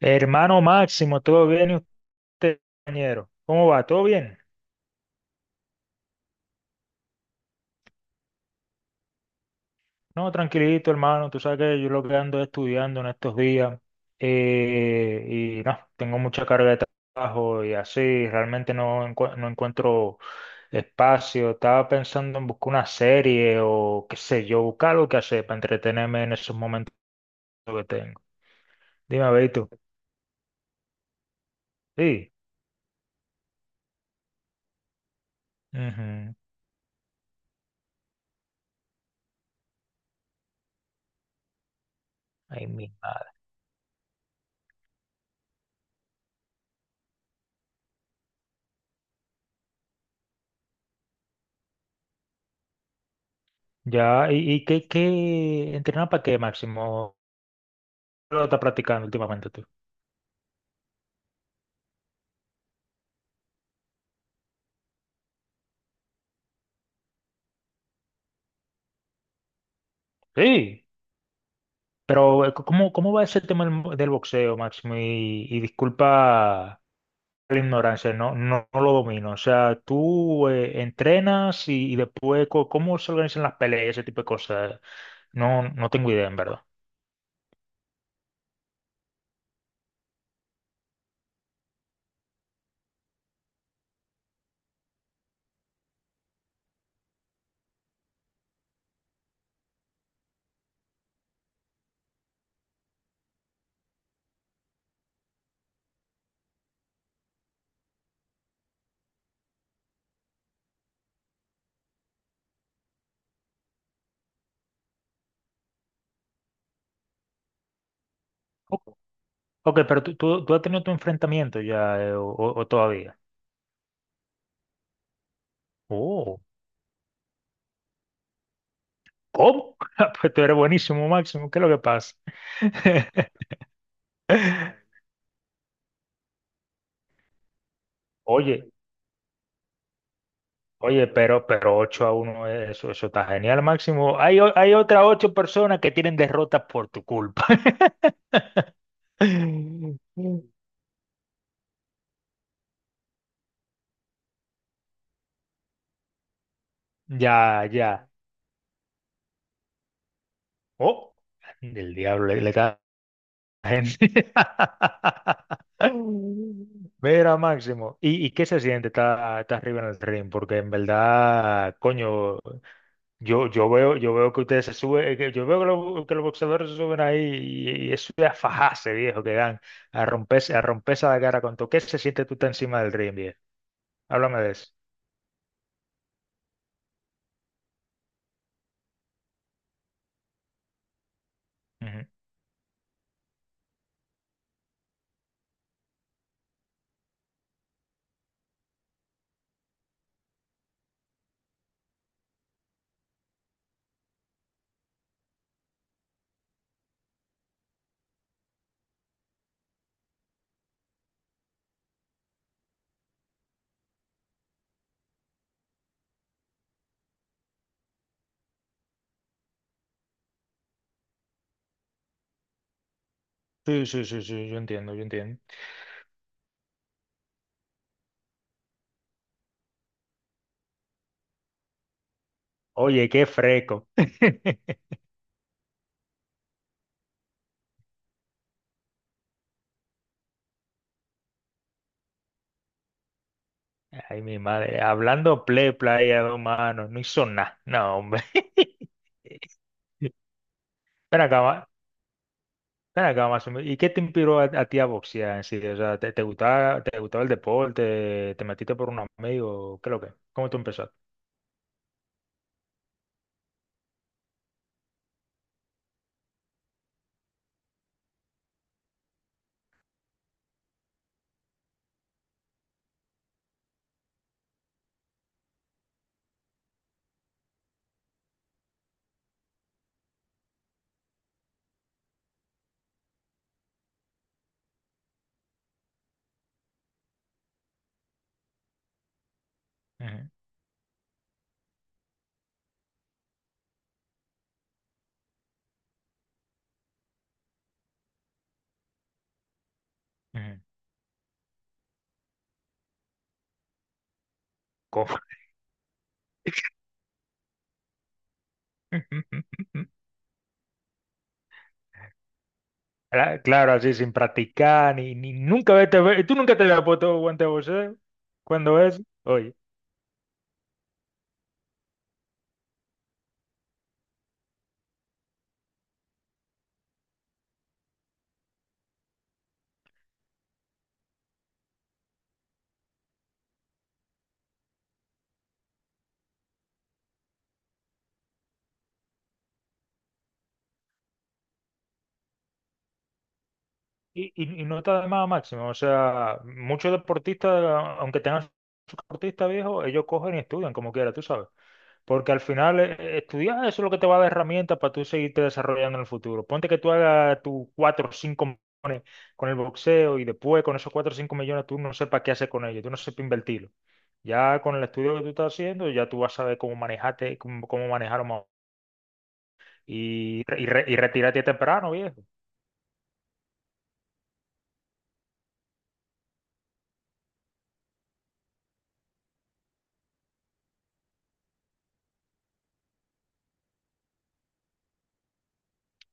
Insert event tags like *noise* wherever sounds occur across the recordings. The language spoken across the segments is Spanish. Hermano Máximo, ¿todo bien y usted, compañero? ¿Cómo va? ¿Todo bien? No, tranquilito, hermano. Tú sabes que yo lo que ando estudiando en estos días y no, tengo mucha carga de trabajo y así, realmente no, no encuentro espacio. Estaba pensando en buscar una serie o qué sé yo, buscar algo que hacer para entretenerme en esos momentos que tengo. Dime, a ver, ¿y tú? Sí. Ujú. Ay, mi madre. Ya, ¿y, qué entrenar para qué, Máximo? ¿Lo estás practicando últimamente tú? Sí, pero ¿cómo, cómo va ese tema del boxeo, Máximo? Y disculpa la ignorancia, no, no, no lo domino. O sea, tú entrenas y después, ¿cómo se organizan las peleas, ese tipo de cosas? No, no tengo idea, en verdad. Ok, ok, pero tú has tenido tu enfrentamiento ya, o, o todavía. Oh, ¿cómo? *laughs* Pues tú eres buenísimo, Máximo, ¿qué es lo que pasa? *laughs* Oye. Oye, pero 8-1 eso, eso está genial, Máximo. Hay, hay otras 8 personas que tienen derrotas por tu culpa. *laughs* Ya, ya. Oh, el diablo le da a la gente. *laughs* Mira, Máximo. Y qué se siente estar arriba en el ring? Porque en verdad, coño, yo veo que ustedes se suben, yo veo que que los boxeadores se suben ahí y eso es a fajarse, viejo, que dan, a romperse la cara con todo. ¿Qué se siente tú estás encima del ring, viejo? Háblame de eso. Ujú. Sí, sí, sí, sí, yo entiendo, yo entiendo. Oye, qué fresco. *laughs* Ay, mi madre, hablando play, playa, dos manos, no hizo nada. No, hombre. *laughs* Ven acá, ven acá, más o menos, ¿y qué te inspiró a ti a boxear en sí? O sea, ¿te, te gustaba el deporte? ¿Te metiste por un amigo? ¿Qué es lo que? ¿Cómo tú empezaste? Ujú, ujú. ¿Cómo? *laughs* Claro, así sin practicar, ni, ni nunca vete, tú nunca te habías puesto guante de boxeo. Cuando es? Oye. Y no está de más máximo. O sea, muchos deportistas, aunque tengan su deportista viejo, ellos cogen y estudian como quiera, tú sabes. Porque al final estudiar eso es lo que te va a dar herramientas para tú seguirte desarrollando en el futuro. Ponte que tú hagas tus 4 o 5 con el boxeo y después con esos 4 o 5 millones tú no sepas qué hacer con ellos, tú no sepas invertirlo. Ya con el estudio que tú estás haciendo, ya tú vas a saber cómo manejarte, cómo manejarlo más. Y, y retirarte temprano, viejo.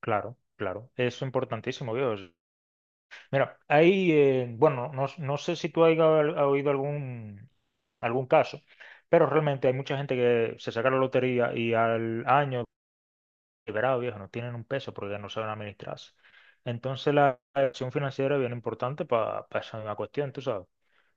Claro, claro. Eso es importantísimo, viejo. Mira, hay, bueno, no, no sé si tú has oído algún caso, pero realmente hay mucha gente que se saca la lotería y al año, liberado viejo, no tienen un peso porque no saben administrarse. Entonces la acción financiera es bien importante para esa misma cuestión, tú sabes.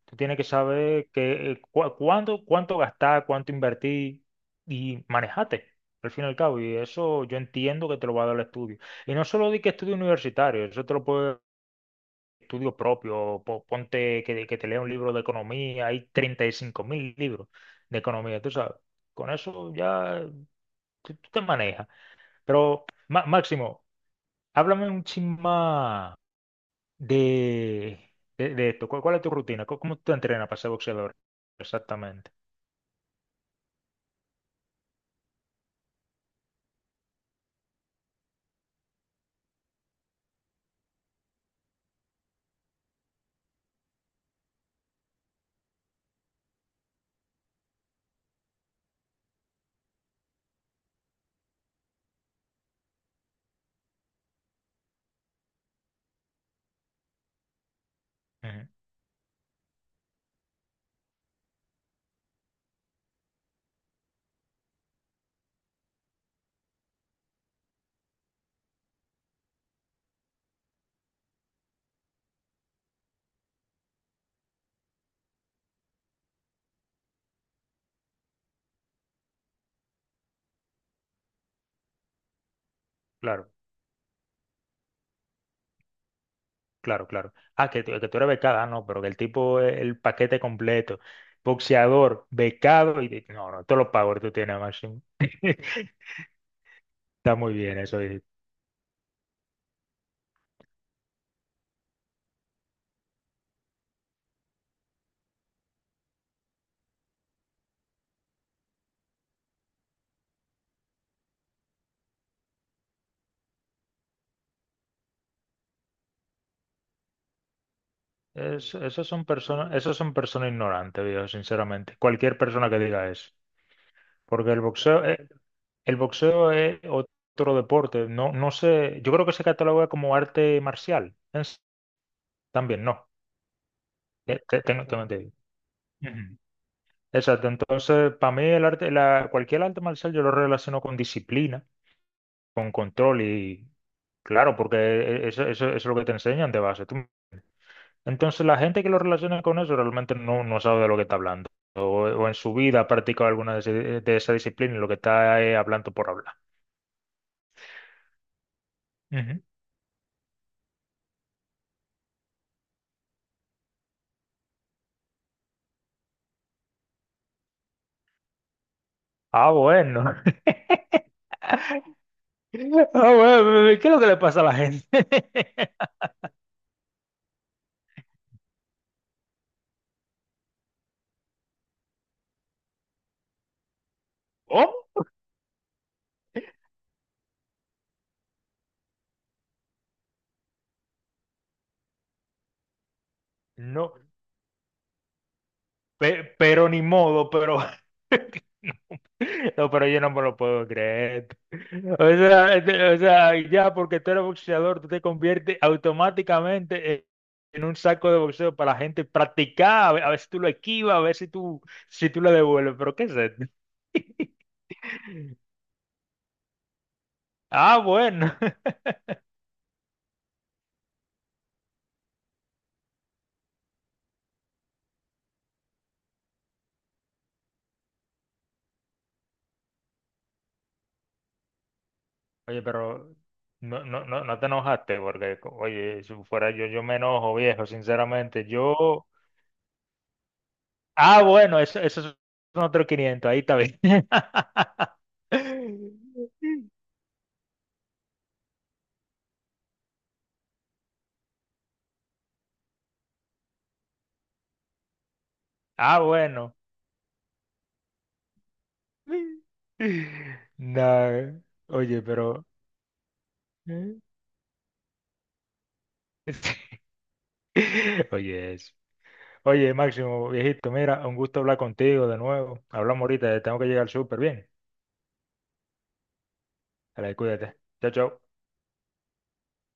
Tú tienes que saber que, cuándo, cuánto gastar, cuánto invertir y manejate, al fin y al cabo. Y eso yo entiendo que te lo va a dar el estudio. Y no solo di que estudio universitario, eso te lo puede estudio propio, ponte que te lea un libro de economía, hay 35.000 libros de economía, tú sabes. Con eso ya tú te manejas. Pero, Máximo, háblame un chin más de, de esto. ¿Cuál, cuál es tu rutina? ¿Cómo, cómo tú te entrenas para ser boxeador? Exactamente. Ujú. Claro, claro, claro. Ah, que, que tú eres becada, ah, no, pero que el tipo es el paquete completo. Boxeador, becado y... de- No, no, todos los powers tú tienes, Máximo. *laughs* Está muy bien eso. Es, esos son personas ignorantes, viejo, sinceramente. Cualquier persona que diga eso. Porque el boxeo es otro deporte. No, no sé, yo creo que se cataloga como arte marcial. Es- también, no. Tengo, tengo entendido. Ujú. Exacto. Entonces, para mí el arte, la, cualquier arte marcial yo lo relaciono con disciplina, con control y claro, porque eso, eso, eso es lo que te enseñan de base. ¿Tú Entonces la gente que lo relaciona con eso realmente no, no sabe de lo que está hablando. O en su vida ha practicado alguna de, de esa disciplina y lo que está es hablando por hablar. Ujú. Ah, bueno. *laughs* Ah, bueno, ¿qué es lo que le pasa a la gente? *laughs* ¿Oh? No, pero ni modo, pero... *laughs* No, pero yo no me lo puedo creer. O sea, este- o sea, ya porque tú eres boxeador, tú te conviertes automáticamente en un saco de boxeo para la gente practicar, a ver si tú lo esquivas, a ver si tú, si tú lo devuelves. Pero ¿qué es esto? *laughs* Ah, bueno. Oye, pero no, no, no, no te enojaste porque, oye, si fuera yo, yo me enojo, viejo, sinceramente. Yo, ah, bueno, eso son otros 500, ahí está bien. *laughs* Ah, bueno. No, oye, pero... ¿eh? *laughs* Oye, eso. Oye, Máximo, viejito, mira, un gusto hablar contigo de nuevo. Hablamos ahorita, tengo que llegar súper bien. Dale, cuídate. Chao, chao.